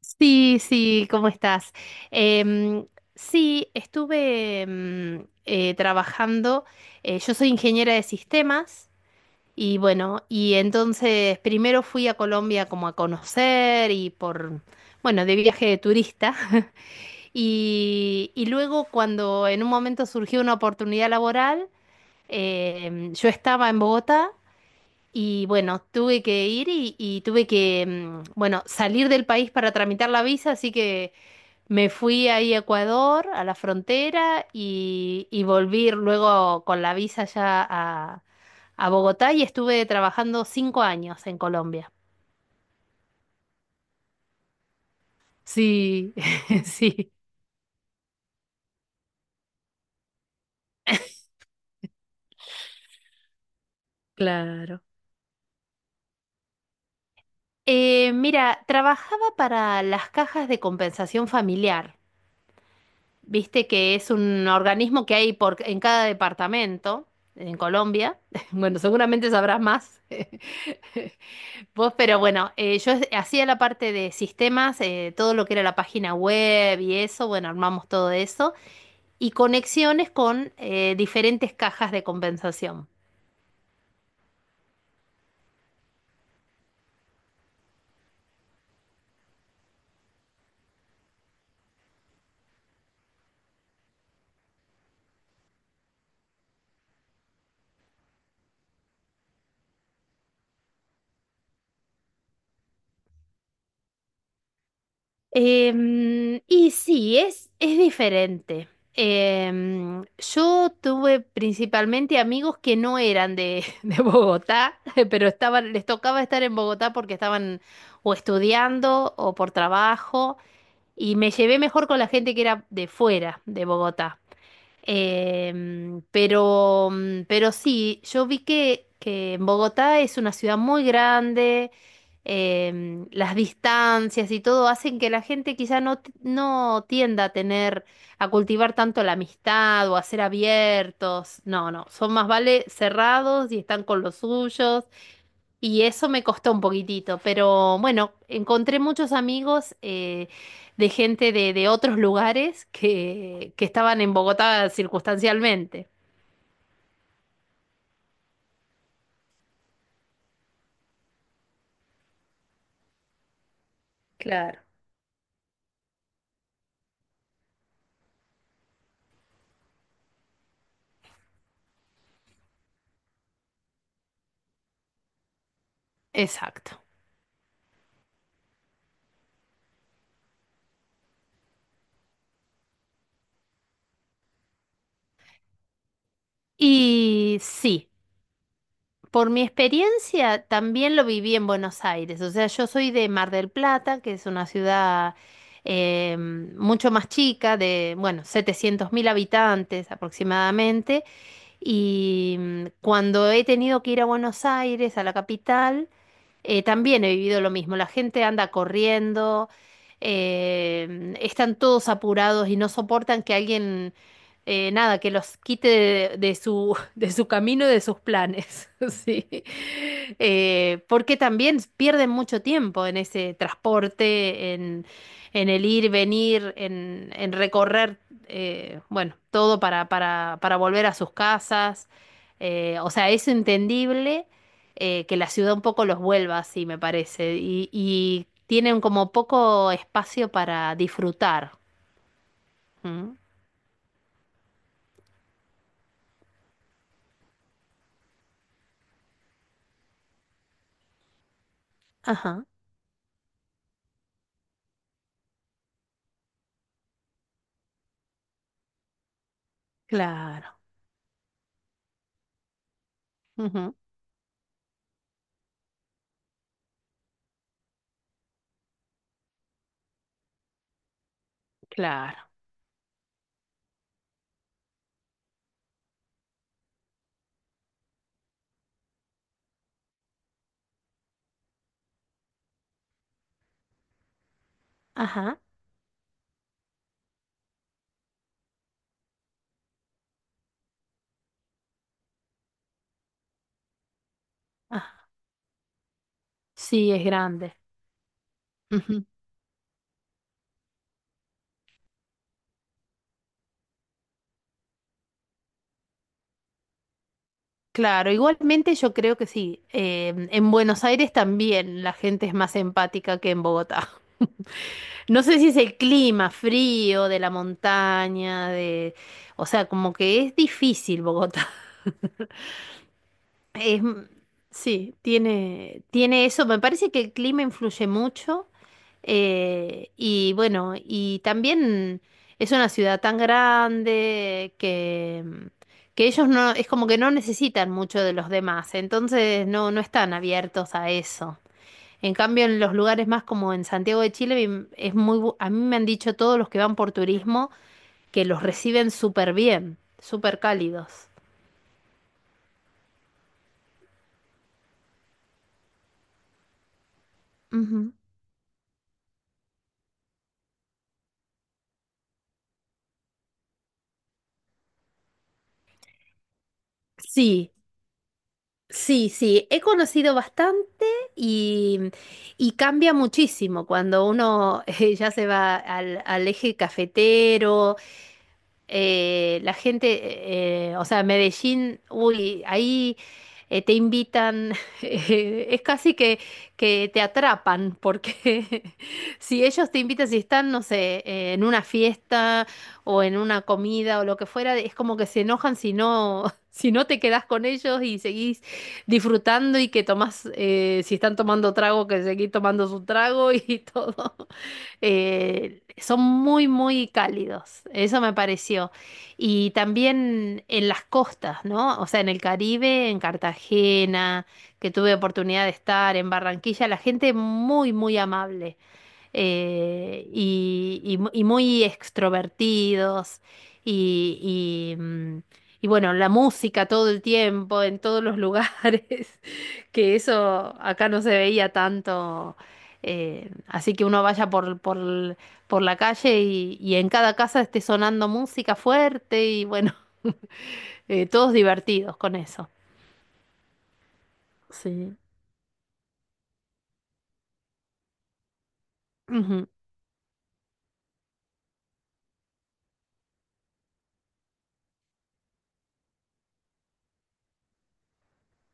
Sí, sí, ¿cómo estás? Em, sí, estuve trabajando, yo soy ingeniera de sistemas y bueno, y entonces primero fui a Colombia como a conocer y bueno, de viaje de turista y, luego cuando en un momento surgió una oportunidad laboral, yo estaba en Bogotá. Y bueno, tuve que ir y tuve que, bueno, salir del país para tramitar la visa, así que me fui ahí a Ecuador, a la frontera, y volví luego con la visa ya a Bogotá y estuve trabajando 5 años en Colombia. Sí, sí, claro. Mira, trabajaba para las cajas de compensación familiar. Viste que es un organismo que hay en cada departamento en Colombia. Bueno, seguramente sabrás más. Vos, pero bueno, yo hacía la parte de sistemas, todo lo que era la página web y eso, bueno, armamos todo eso, y conexiones con diferentes cajas de compensación. Y sí, es diferente. Yo tuve principalmente amigos que no eran de, de Bogotá, pero estaban, les tocaba estar en Bogotá porque estaban o estudiando o por trabajo, y me llevé mejor con la gente que era de fuera de Bogotá. Pero sí, yo vi que en Bogotá es una ciudad muy grande, las distancias y todo hacen que la gente quizá no tienda a tener, a cultivar tanto la amistad o a ser abiertos. No, no, son más vale cerrados y están con los suyos. Y eso me costó un poquitito, pero bueno, encontré muchos amigos, de gente de otros lugares que estaban en Bogotá circunstancialmente. Claro. Exacto. Y sí, por mi experiencia también lo viví en Buenos Aires. O sea, yo soy de Mar del Plata, que es una ciudad, mucho más chica, de, bueno, 700.000 habitantes aproximadamente. Cuando he tenido que ir a Buenos Aires, a la capital, también he vivido lo mismo. La gente anda corriendo, están todos apurados y no soportan que alguien, nada, que los quite de su, de su camino y de sus planes. Sí. Porque también pierden mucho tiempo en ese transporte, en el ir, venir, en recorrer, bueno, todo para, para volver a sus casas. O sea, es entendible, que la ciudad un poco los vuelva así, me parece, y tienen como poco espacio para disfrutar. ¿Mm? Ajá, claro, ujú, claro, ajá, ajá. Sí, es grande. Ujú. Claro, igualmente yo creo que sí. En Buenos Aires también la gente es más empática que en Bogotá. No sé si es el clima frío de la montaña, de. O sea, como que es difícil Bogotá. Es m- sí, tiene eso. Me parece que el clima influye mucho. Y bueno, y también es una ciudad tan grande que, que ellos no, es como que no necesitan mucho de los demás. Entonces no, no están abiertos a eso. En cambio, en los lugares más como en Santiago de Chile, es a mí me han dicho todos los que van por turismo que los reciben súper bien, súper cálidos. Ujú. Sí, sí, sí, he conocido bastante y, y cambia muchísimo cuando uno ya se va al eje cafetero. La gente, o sea, Medellín, uy, ahí te invitan, es casi que, te atrapan, porque si ellos te invitan, si están, no sé, en una fiesta o en una comida o lo que fuera, es como que se enojan si no, si no te quedás con ellos y seguís disfrutando y que tomás, si están tomando trago, que seguís tomando su trago y todo son muy, muy cálidos, eso me pareció. Y también en las costas, ¿no? O sea, en el Caribe, en Cartagena, que tuve oportunidad de estar, en Barranquilla, la gente muy, muy amable, y muy extrovertidos y, y, mm, y bueno, la música todo el tiempo, en todos los lugares, que eso acá no se veía tanto. Así que uno vaya por la calle y en cada casa esté sonando música fuerte y bueno, todos divertidos con eso. Sí. Ujú,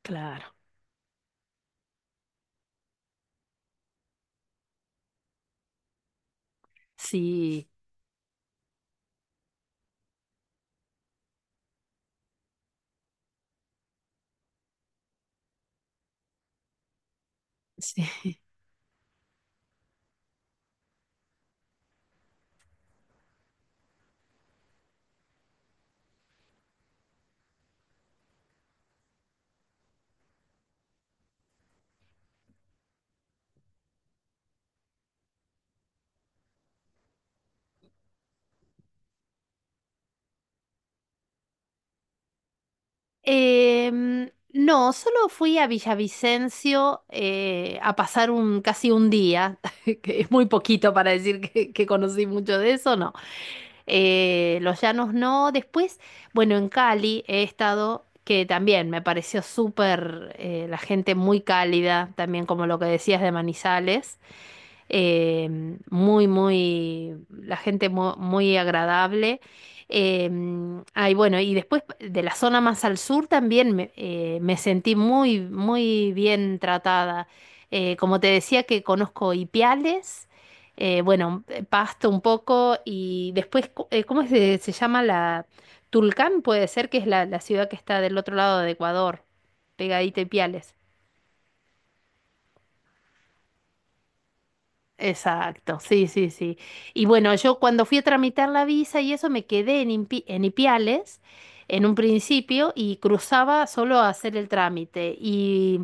claro. Sí, sí. No, solo fui a Villavicencio a pasar un casi un día, que es muy poquito para decir que conocí mucho de eso, no. Los llanos no. Después, bueno, en Cali he estado, que también me pareció súper, la gente muy cálida, también como lo que decías de Manizales, eh, muy, muy, la gente muy agradable. Eh, Ay, bueno, y después de la zona más al sur también me sentí muy, muy bien tratada. Como te decía que conozco Ipiales, bueno, Pasto un poco y después, ¿cómo se llama la... Tulcán puede ser que es la ciudad que está del otro lado de Ecuador, pegadita a Ipiales. Exacto, sí, sí, sí. Y bueno, yo cuando fui a tramitar la visa y eso me quedé en Ipiales en un principio y cruzaba solo a hacer el trámite y,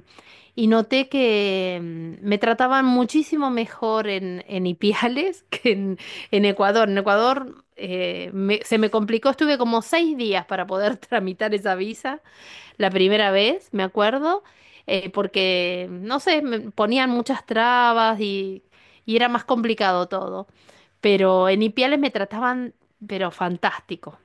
y noté que me trataban muchísimo mejor en Ipiales que en Ecuador. En Ecuador se me complicó, estuve como 6 días para poder tramitar esa visa la primera vez, me acuerdo, porque, no sé, me ponían muchas trabas y era más complicado todo. Pero en Ipiales me trataban, pero fantástico.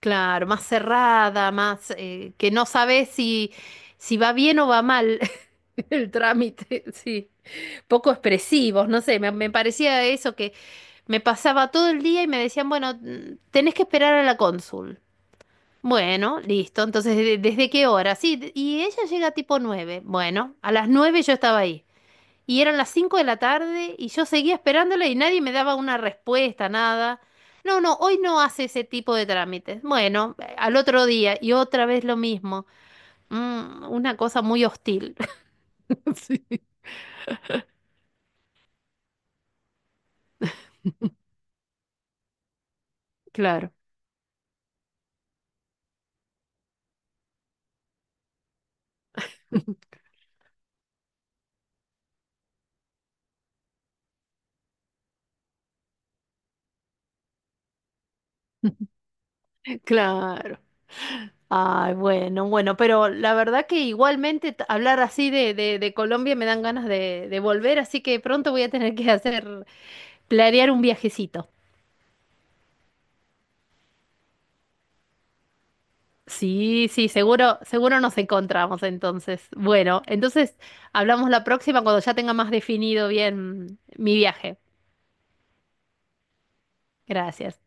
Claro, más cerrada, más, que no sabes si va bien o va mal el trámite, sí. Poco expresivos, no sé, me parecía eso que me pasaba todo el día y me decían, bueno, tenés que esperar a la cónsul. Bueno, listo. Entonces, ¿desde qué hora? Sí, y ella llega tipo 9. Bueno, a las 9 yo estaba ahí. Y eran las 5 de la tarde y yo seguía esperándola y nadie me daba una respuesta, nada. No, no, hoy no hace ese tipo de trámites. Bueno, al otro día y otra vez lo mismo. Una cosa muy hostil. Sí, claro, claro. Ay, bueno, bueno, pero la verdad que igualmente hablar así de Colombia me dan ganas de volver, así que pronto voy a tener que planear un viajecito. Sí, sí, seguro, seguro nos encontramos entonces. Bueno, entonces hablamos la próxima cuando ya tenga más definido bien mi viaje. Gracias.